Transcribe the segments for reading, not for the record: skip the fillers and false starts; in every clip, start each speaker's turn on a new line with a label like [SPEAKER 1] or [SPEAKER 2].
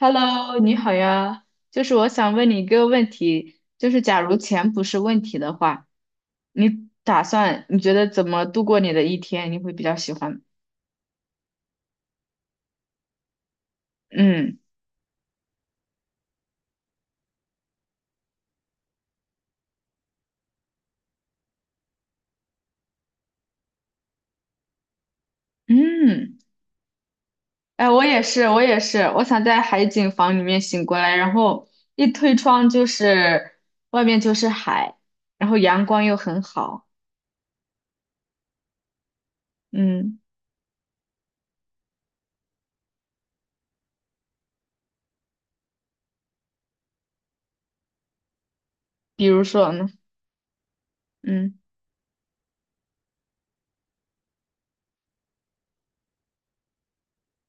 [SPEAKER 1] Hello，你好呀，就是我想问你一个问题，就是假如钱不是问题的话，你打算你觉得怎么度过你的一天？你会比较喜欢？嗯嗯。哎，我也是，我也是，我想在海景房里面醒过来，然后一推窗就是外面就是海，然后阳光又很好。嗯，比如说呢？嗯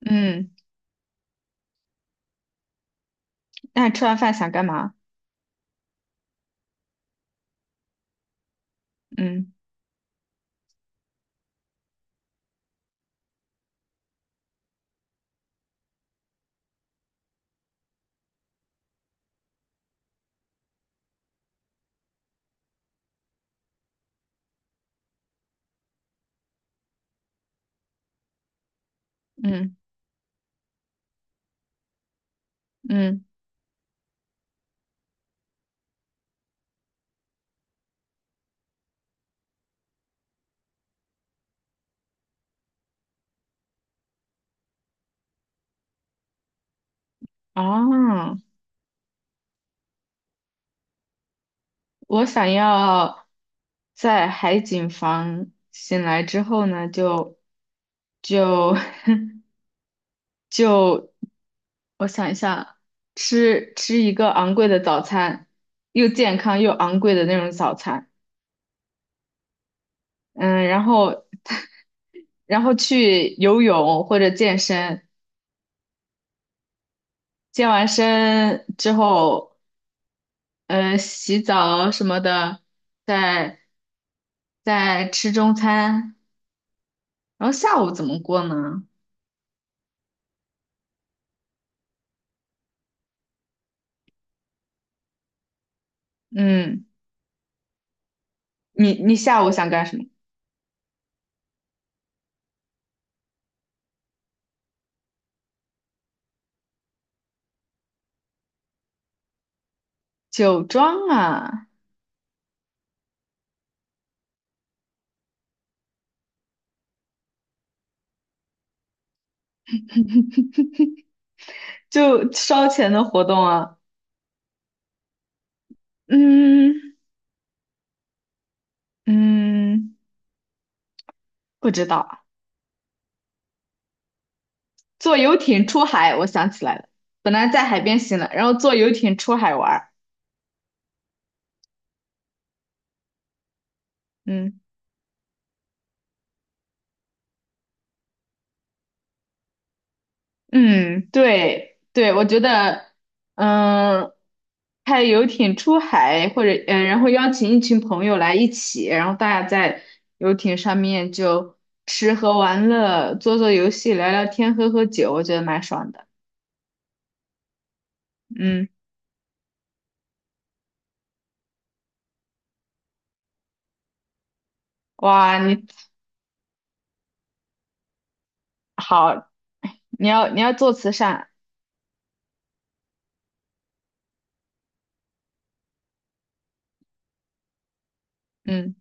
[SPEAKER 1] 嗯。那吃完饭想干嘛？嗯嗯嗯。哦。我想要在海景房醒来之后呢，就 就，我想一下，吃一个昂贵的早餐，又健康又昂贵的那种早餐。嗯，然后 然后去游泳或者健身。健完身之后，嗯，洗澡什么的，再再吃中餐。然后下午怎么过呢？嗯，你下午想干什么？酒庄啊。就烧钱的活动啊。嗯嗯。不知道啊。坐游艇出海，我想起来了，本来在海边行了，然后坐游艇出海玩儿。嗯。嗯，对对，我觉得，嗯，开游艇出海，或者然后邀请一群朋友来一起，然后大家在游艇上面就吃喝玩乐，做做游戏，聊聊天，喝喝酒，我觉得蛮爽的。嗯。哇，你好，你要做慈善。嗯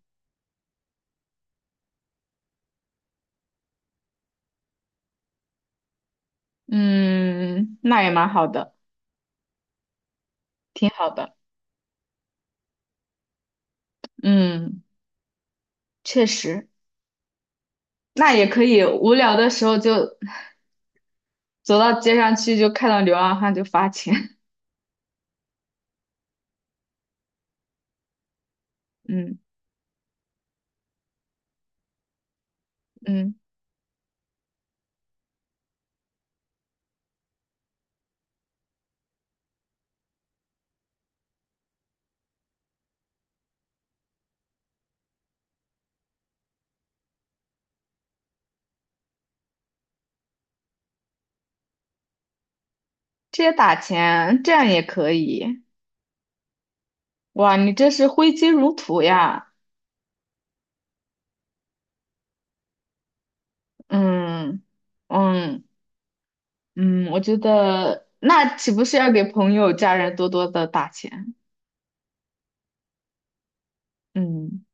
[SPEAKER 1] 嗯，那也蛮好的。挺好的。嗯，确实。那也可以，无聊的时候就。走到街上去就看到流浪汉就罚钱。嗯嗯。这也打钱，这样也可以。哇，你这是挥金如土呀。嗯嗯嗯。我觉得那岂不是要给朋友、家人多多的打钱？嗯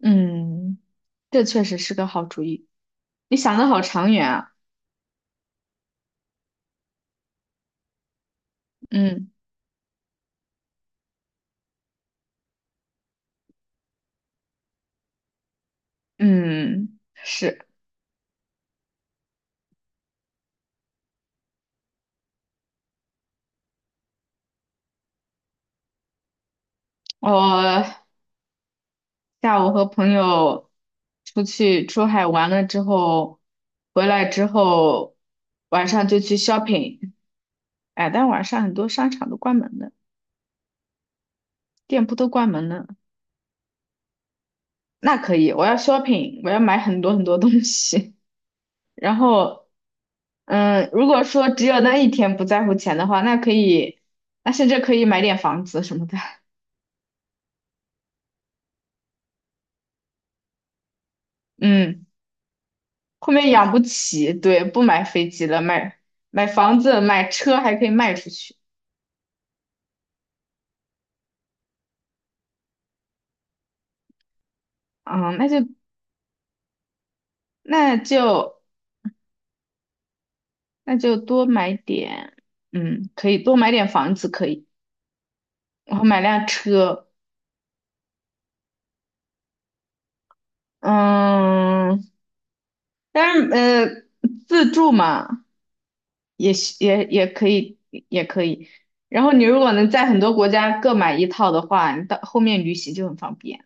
[SPEAKER 1] 嗯。这确实是个好主意。你想的好长远啊。嗯嗯。是。我下午和朋友出去出海玩了之后，回来之后晚上就去 shopping。哎，但晚上很多商场都关门了，店铺都关门了。那可以，我要 shopping，我要买很多很多东西。然后，嗯，如果说只有那一天不在乎钱的话，那可以，那甚至可以买点房子什么的。嗯，后面养不起，对，不买飞机了，买房子，买车还可以卖出去。嗯，那就那就多买点。嗯，可以多买点房子，可以。然后买辆车。嗯，但是，自住嘛，也是也可以，也可以。然后你如果能在很多国家各买一套的话，你到后面旅行就很方便。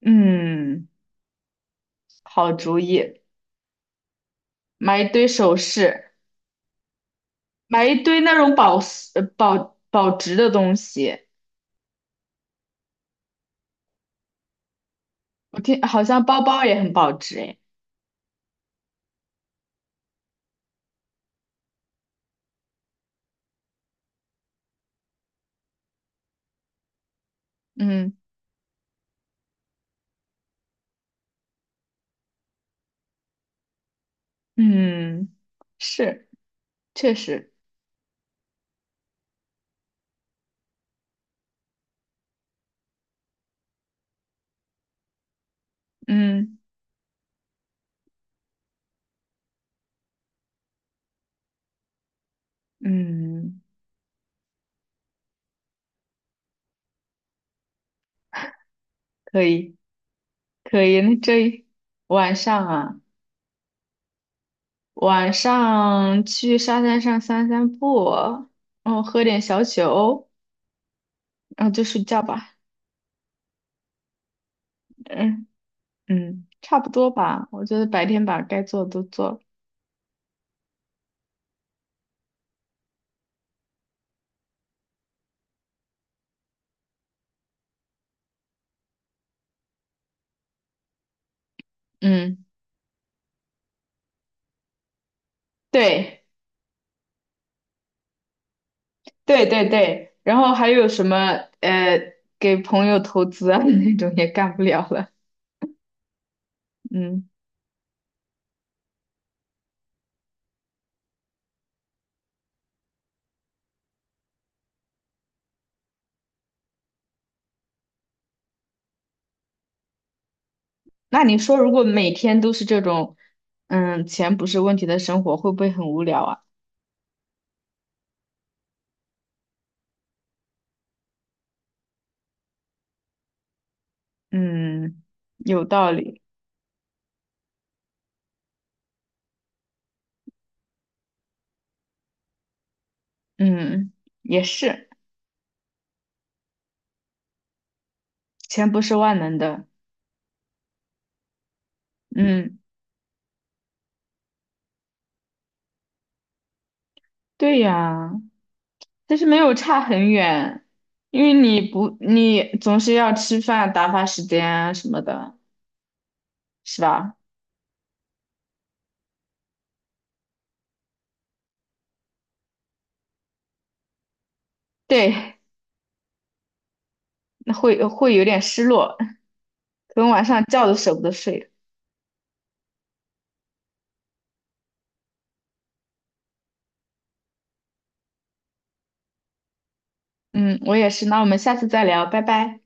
[SPEAKER 1] 嗯，好主意。买一堆首饰，买一堆那种保值的东西。我听好像包包也很保值诶。嗯。嗯，是，确实。嗯嗯，可以可以。那这一晚上啊，晚上去沙滩上散散步，然后喝点小酒，然后就睡觉吧。嗯嗯，差不多吧。我觉得白天把该做的都做了。嗯，对对对对。然后还有什么呃，给朋友投资啊 那种也干不了了。嗯。那你说，如果每天都是这种，嗯，钱不是问题的生活，会不会很无聊啊？嗯，有道理。嗯，也是，钱不是万能的。嗯，对呀，但是没有差很远，因为你不，你总是要吃饭、打发时间啊什么的，是吧？对，那会有点失落，可能晚上觉都舍不得睡。嗯，我也是。那我们下次再聊，拜拜。